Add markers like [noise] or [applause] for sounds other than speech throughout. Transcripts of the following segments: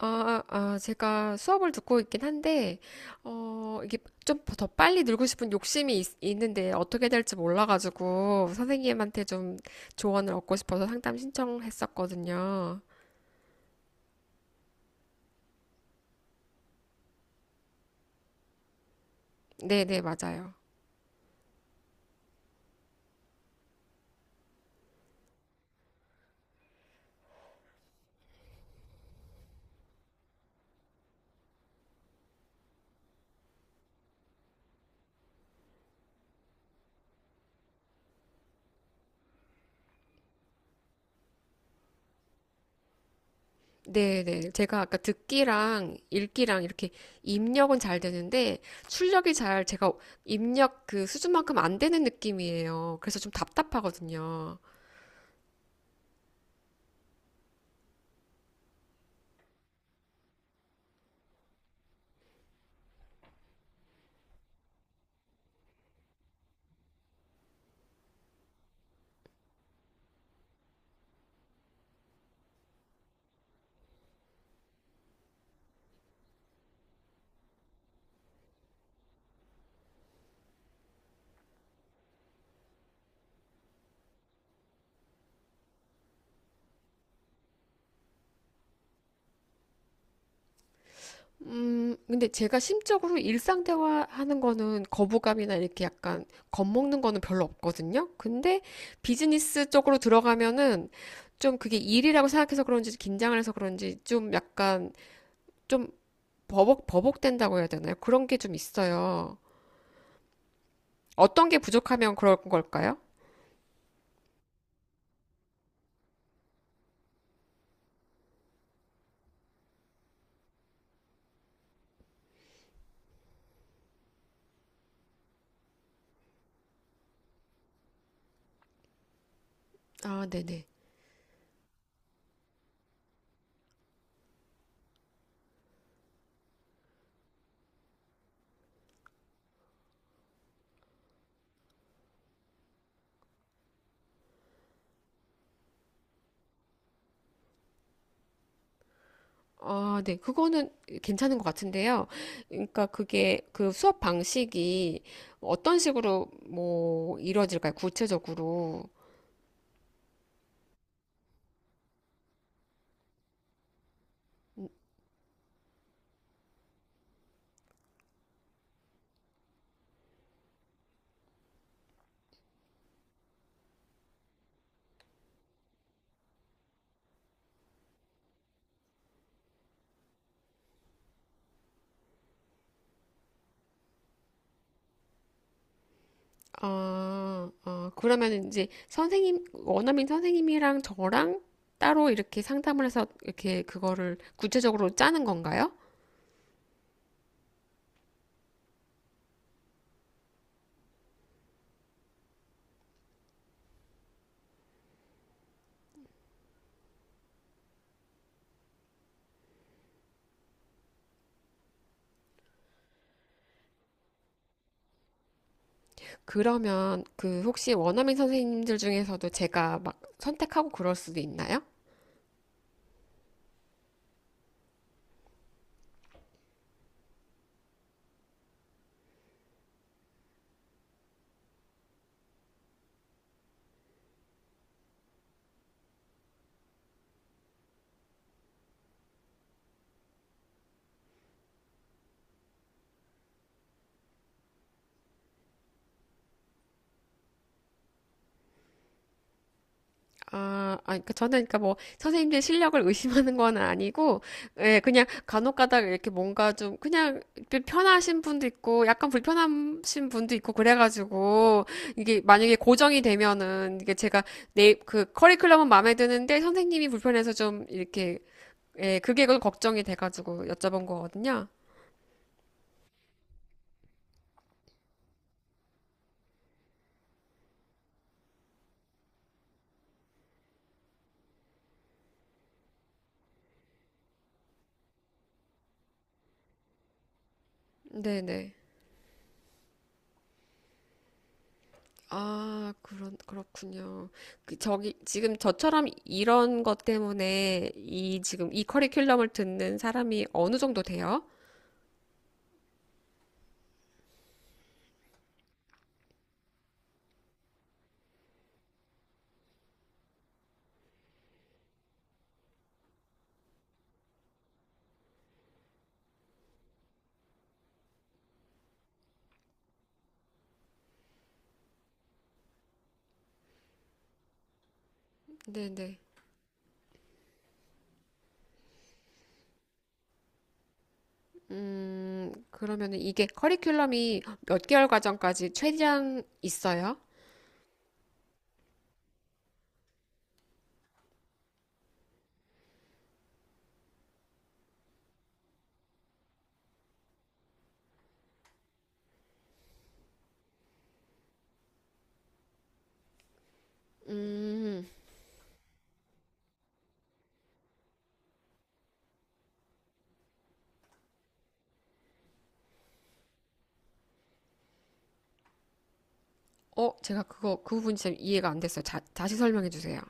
제가 수업을 듣고 있긴 한데, 이게 좀 더 빨리 늘고 싶은 욕심이 있는데 어떻게 될지 몰라가지고 선생님한테 좀 조언을 얻고 싶어서 상담 신청했었거든요. 네네, 맞아요. 네네. 제가 아까 듣기랑 읽기랑 이렇게 입력은 잘 되는데 출력이 잘 제가 입력 그 수준만큼 안 되는 느낌이에요. 그래서 좀 답답하거든요. 근데 제가 심적으로 일상 대화하는 거는 거부감이나 이렇게 약간 겁먹는 거는 별로 없거든요. 근데 비즈니스 쪽으로 들어가면은 좀 그게 일이라고 생각해서 그런지 긴장을 해서 그런지 좀 약간 좀 버벅된다고 해야 되나요? 그런 게 좀 있어요. 어떤 게 부족하면 그럴 걸까요? 아, 네네. 아, 네. 그거는 괜찮은 것 같은데요. 그러니까 그게 그 수업 방식이 어떤 식으로 뭐 이루어질까요? 구체적으로. 음, 그러면 이제 선생님, 원어민 선생님이랑 저랑 따로 이렇게 상담을 해서 이렇게 그거를 구체적으로 짜는 건가요? 그러면 그 혹시 원어민 선생님들 중에서도 제가 막 선택하고 그럴 수도 있나요? 그러니까 저는 그러니까 뭐 선생님들 실력을 의심하는 건 아니고, 예, 그냥 간혹가다가 이렇게 뭔가 좀 그냥 편하신 분도 있고, 약간 불편하신 분도 있고 그래가지고 이게 만약에 고정이 되면은 이게 제가 내 그 커리큘럼은 마음에 드는데 선생님이 불편해서 좀 이렇게 예, 그게 그 걱정이 돼가지고 여쭤본 거거든요. 네네. 아, 그렇군요. 그, 저기, 지금 저처럼 이런 것 때문에 이, 지금 이 커리큘럼을 듣는 사람이 어느 정도 돼요? 네네. 그러면 이게 커리큘럼이 몇 개월 과정까지 최대한 있어요? 음, 어, 제가 그 부분이 참 이해가 안 됐어요. 자, 다시 설명해 주세요.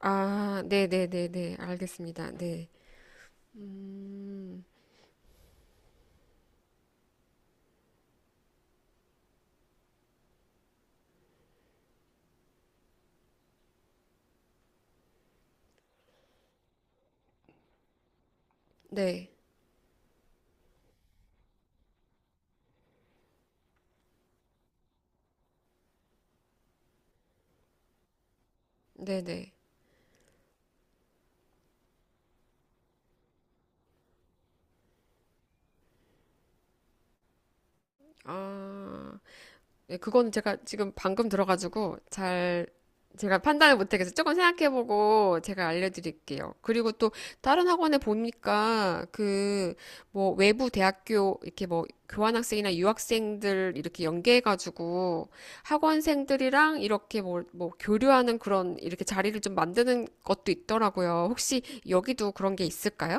아, 네네네네. 알겠습니다. 네. 음, 네. 네네. 아. 예, 그거는 제가 지금 방금 들어가지고 잘 제가 판단을 못하겠어요. 조금 생각해보고 제가 알려드릴게요. 그리고 또 다른 학원에 보니까 그 뭐 외부 대학교 이렇게 뭐 교환학생이나 유학생들 이렇게 연계해가지고 학원생들이랑 이렇게 뭐 교류하는 그런 이렇게 자리를 좀 만드는 것도 있더라고요. 혹시 여기도 그런 게 있을까요?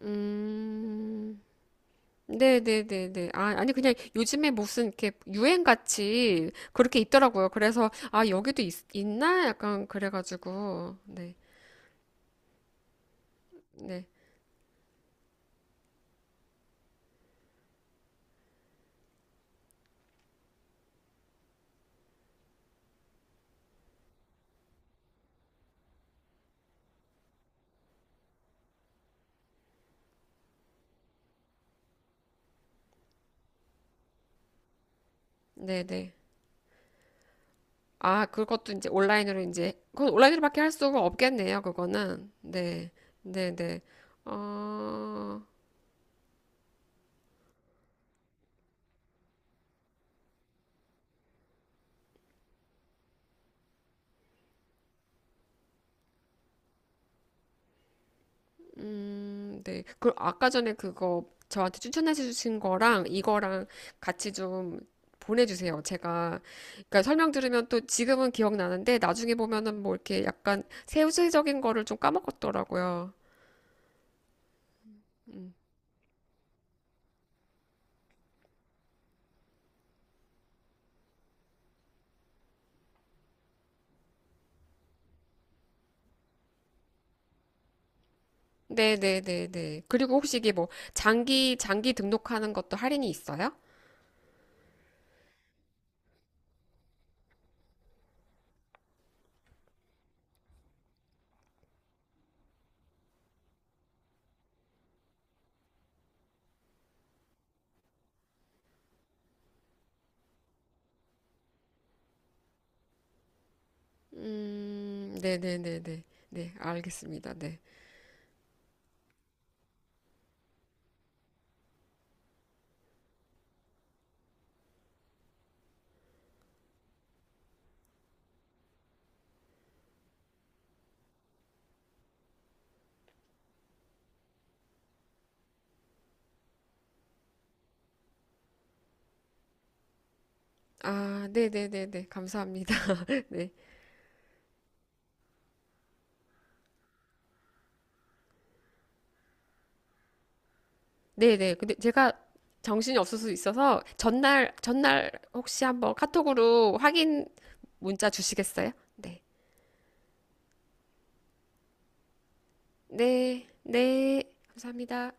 음, 네네네네. 아, 아니, 그냥 요즘에 무슨 이렇게 유행같이 그렇게 있더라고요. 그래서, 아, 여기도 있나? 약간 그래가지고, 네. 네. 네네. 아, 그것도 이제 온라인으로 이제, 그건 온라인으로밖에 할 수가 없겠네요. 그거는. 네. 네네. 어, 네. 그럼 아까 전에 그거 저한테 추천해 주신 거랑 이거랑 같이 좀 보내주세요. 제가, 그러니까 설명 들으면 또 지금은 기억나는데 나중에 보면은 뭐 이렇게 약간 세부적인 거를 좀 까먹었더라고요. 네네네네. 그리고 혹시 이게 뭐 장기 등록하는 것도 할인이 있어요? 네네네네. 네, 네, 네. 네, 알겠습니다. 네. 아, 네네네네. 감사합니다. [laughs] 네. 네네. 근데 제가 정신이 없을 수 있어서 전날 혹시 한번 카톡으로 확인 문자 주시겠어요? 네. 네. 네. 감사합니다.